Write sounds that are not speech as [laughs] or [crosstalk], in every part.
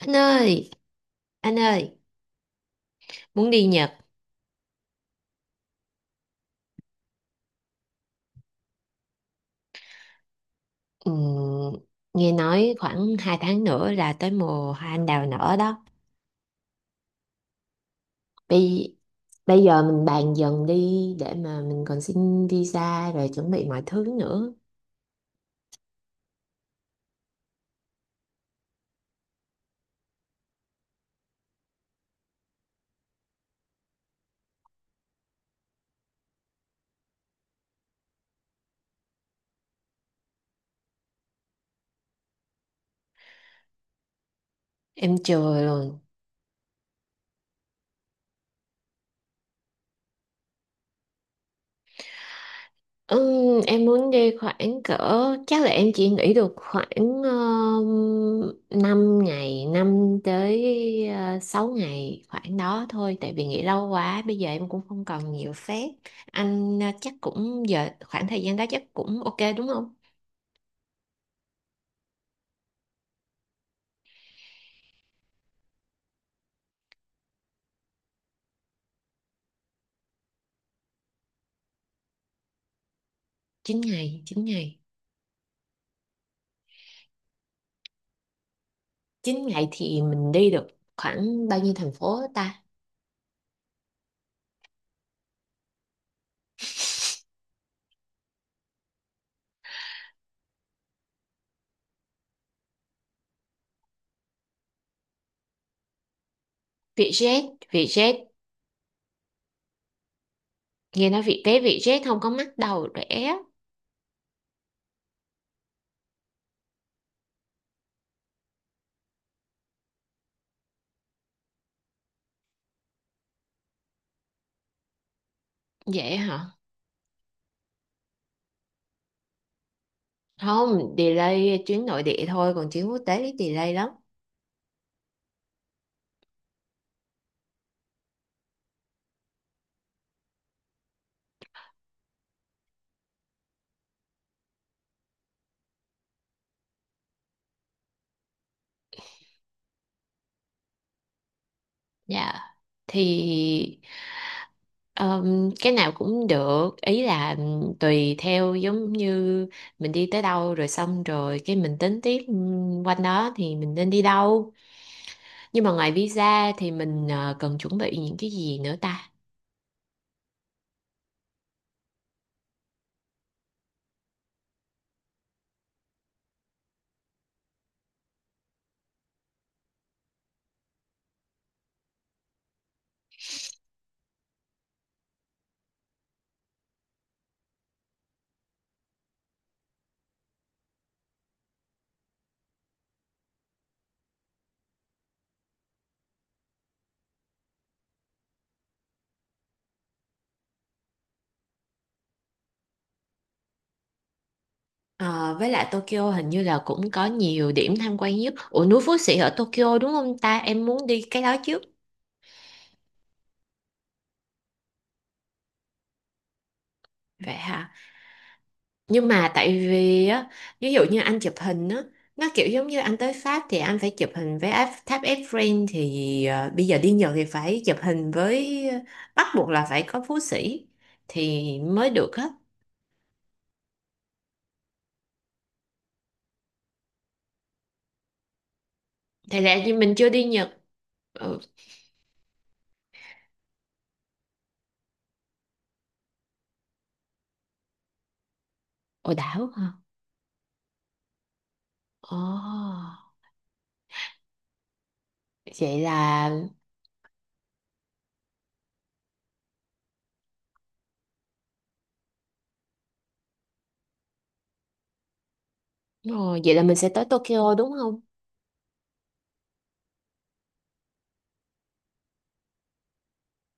Anh ơi, anh ơi, muốn đi Nhật. Ừm, Nghe nói khoảng 2 tháng nữa là tới mùa hoa anh đào nở đó. Bây, bây giờ mình bàn dần đi để mà mình còn xin visa rồi chuẩn bị mọi thứ nữa. Em chừa rồi. Em muốn đi khoảng cỡ, chắc là em chỉ nghỉ được khoảng 5 ngày 5 tới, 6 ngày khoảng đó thôi, tại vì nghỉ lâu quá bây giờ em cũng không còn nhiều phép. Anh chắc cũng giờ khoảng thời gian đó chắc cũng ok đúng không? Chín ngày, 9 ngày thì mình đi được khoảng bao nhiêu thành phố ta? Vietjet Vietjet nghe nói Vietjet Vietjet không có mắc đầu rẻ. Vậy hả? Không delay, chuyến nội địa thôi, còn chuyến quốc tế thì delay lắm. Dạ, thì cái nào cũng được, ý là tùy theo, giống như mình đi tới đâu rồi xong rồi cái mình tính tiếp quanh đó thì mình nên đi đâu. Nhưng mà ngoài visa thì mình cần chuẩn bị những cái gì nữa ta? Ờ, với lại Tokyo hình như là cũng có nhiều điểm tham quan nhất. Ủa, núi Phú Sĩ ở Tokyo đúng không ta? Em muốn đi cái đó trước. Vậy hả? Nhưng mà tại vì á, ví dụ như anh chụp hình á, nó kiểu giống như anh tới Pháp thì anh phải chụp hình với tháp Eiffel, thì bây giờ đi Nhật thì phải chụp hình với bắt buộc là phải có Phú Sĩ thì mới được á. Thì ra như mình chưa đi Nhật. Ừ, ồ đảo hả? Ồ, vậy là Ồ, vậy là mình sẽ tới Tokyo đúng không?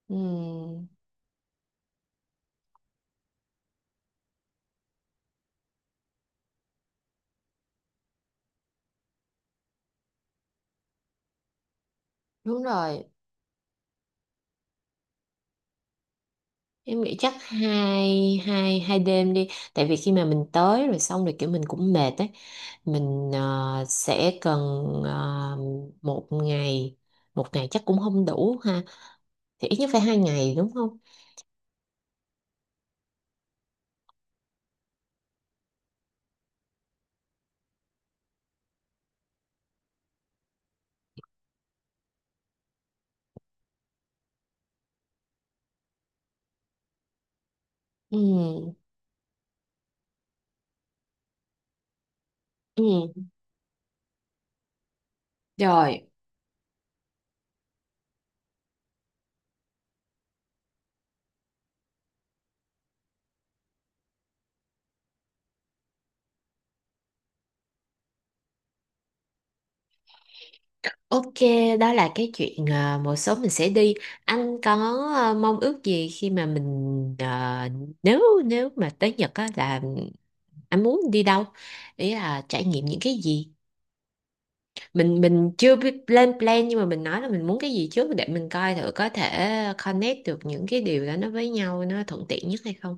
Ừ, đúng rồi. Em nghĩ chắc hai hai hai đêm đi, tại vì khi mà mình tới rồi xong rồi kiểu mình cũng mệt ấy, mình sẽ cần ờ, một ngày, một ngày chắc cũng không đủ ha, thì ít nhất phải 2 ngày đúng không? Ừ, ừ, rồi, ok, đó là cái chuyện một số mình sẽ đi. Anh có mong ước gì khi mà mình ờ, nếu nếu mà tới Nhật á, là anh muốn đi đâu? Ý là trải nghiệm những cái gì? Mình chưa biết lên plan nhưng mà mình nói là mình muốn cái gì trước, để mình coi thử có thể connect được những cái điều đó nó với nhau nó thuận tiện nhất hay không.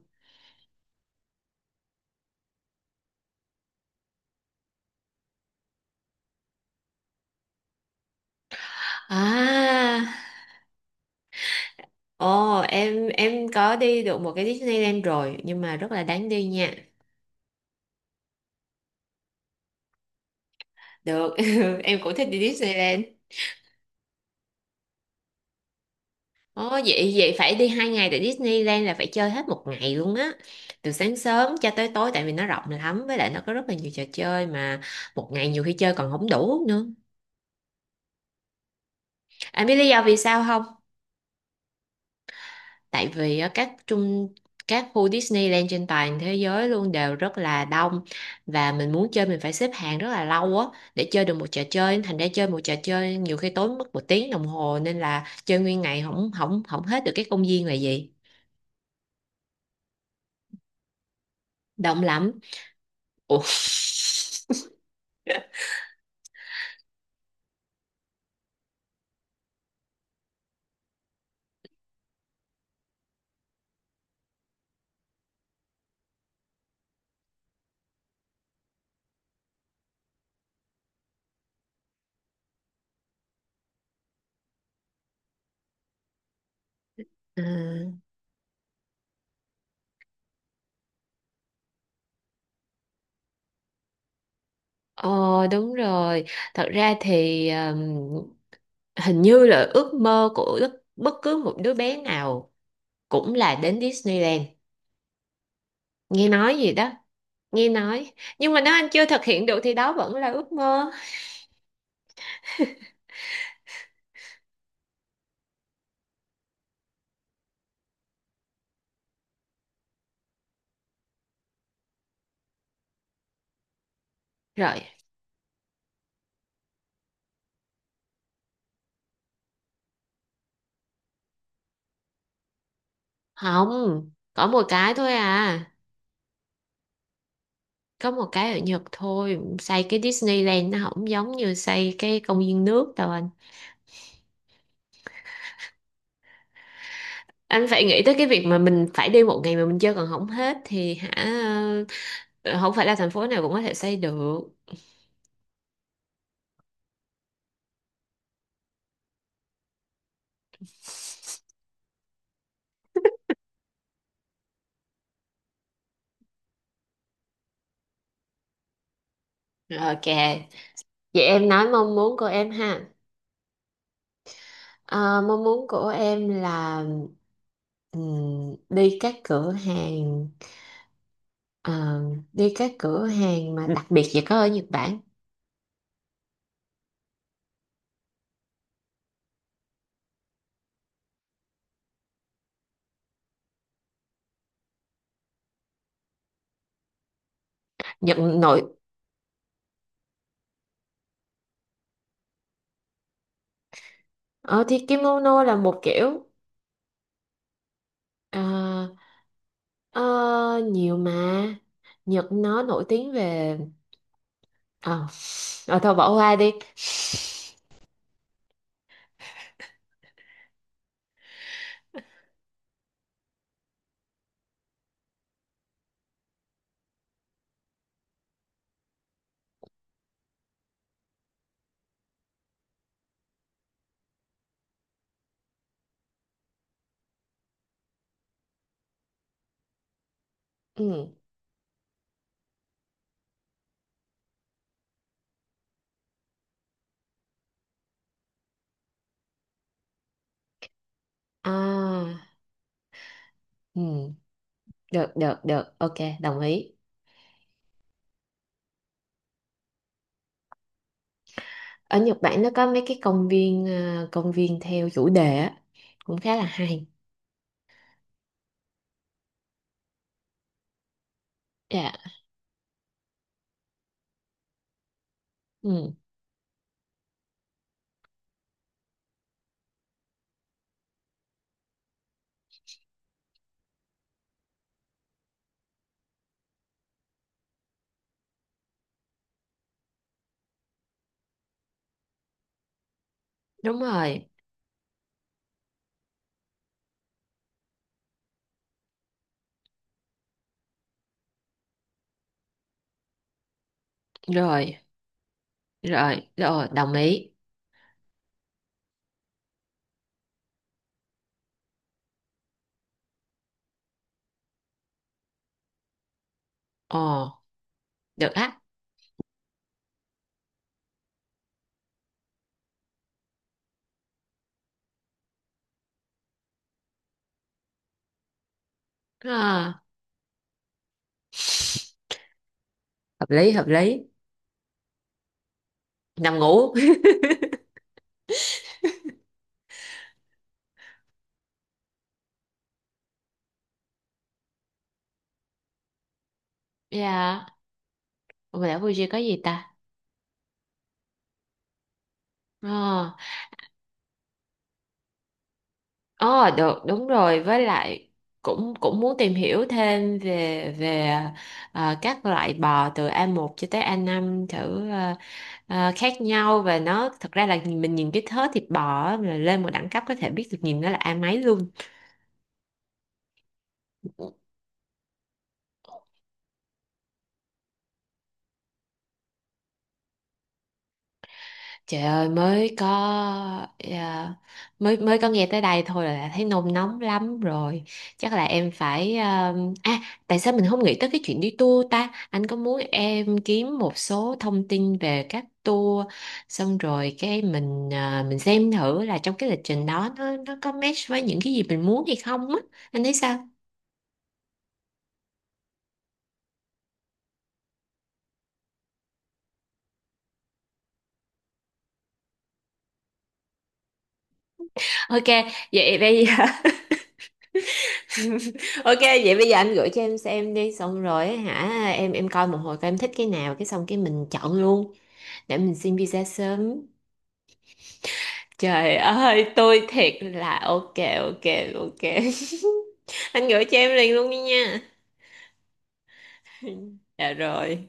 À, ồ, em có đi được một cái Disneyland rồi, nhưng mà rất là đáng đi nha. Được, [laughs] em cũng thích đi Disneyland. Ồ vậy, vậy phải đi 2 ngày, tại Disneyland là phải chơi hết một ngày luôn á, từ sáng sớm cho tới tối, tại vì nó rộng lắm, với lại nó có rất là nhiều trò chơi mà. Một ngày nhiều khi chơi còn không đủ nữa. Anh biết lý do vì sao không? Tại vì á, các khu Disneyland trên toàn thế giới luôn đều rất là đông, và mình muốn chơi mình phải xếp hàng rất là lâu á, để chơi được một trò chơi, thành ra chơi một trò chơi nhiều khi tốn mất 1 tiếng đồng hồ, nên là chơi nguyên ngày không không không hết được cái công viên là gì. Đông lắm. Ủa? [laughs] Ừ. Ờ, đúng rồi, thật ra thì hình như là ước mơ của bất cứ một đứa bé nào cũng là đến Disneyland. Nghe nói gì đó, nghe nói. Nhưng mà nếu anh chưa thực hiện được thì đó vẫn là ước mơ. Rồi, không có một cái thôi à? Có một cái ở Nhật thôi, xây cái Disneyland nó không giống như xây cái công viên nước đâu anh. Anh phải nghĩ tới cái việc mà mình phải đi một ngày mà mình chơi còn không hết thì hả, ờ, không phải là thành phố nào cũng có thể xây được. Ok, vậy em nói mong muốn của em ha. Ờ, mong muốn của em là đi các cửa hàng. Ờ, đi các cửa hàng mà đặc biệt chỉ có ở Nhật Bản. Nhật nội, ờ, thì kimono là một kiểu, ờ, ờ, nhiều mà, Nhật nó nổi tiếng về ờ, thôi bỏ qua đi. Ừ. À. Ừ. Được được được, ok, đồng ý. Ở Nhật Bản nó có mấy cái công viên, công viên theo chủ đề á, cũng khá là hay. Dạ. Ừ. Đúng rồi. Rồi rồi rồi, đồng ý. Ồ, được á. Ờ, hợp lý, hợp lý. Nằm ngủ. [laughs] Dạ. Mà đảo Fuji có gì ta? Ờ, ờ, được, đúng rồi. Với lại cũng cũng muốn tìm hiểu thêm về về ờ, các loại bò từ a một cho tới a năm thử, ờ, khác nhau, và nó thật ra là mình nhìn cái thớ thịt bò á, là lên một đẳng cấp có thể biết được, nhìn nó là A mấy luôn. Trời ơi, mới có à, mới mới có nghe tới đây thôi là thấy nôn nóng lắm rồi. Chắc là em phải à, à, tại sao mình không nghĩ tới cái chuyện đi tour ta? Anh có muốn em kiếm một số thông tin về các tour, xong rồi cái mình à, mình xem thử là trong cái lịch trình đó nó có match với những cái gì mình muốn hay không á. Anh thấy sao? Ok, vậy bây giờ [laughs] [laughs] ok vậy bây giờ anh gửi cho em xem đi, xong rồi á hả em, coi một hồi coi em thích cái nào, cái xong cái mình chọn luôn, để mình xin visa sớm. Trời ơi tôi thiệt là, ok ok ok, [laughs] anh gửi cho em liền luôn đi nha. Dạ rồi.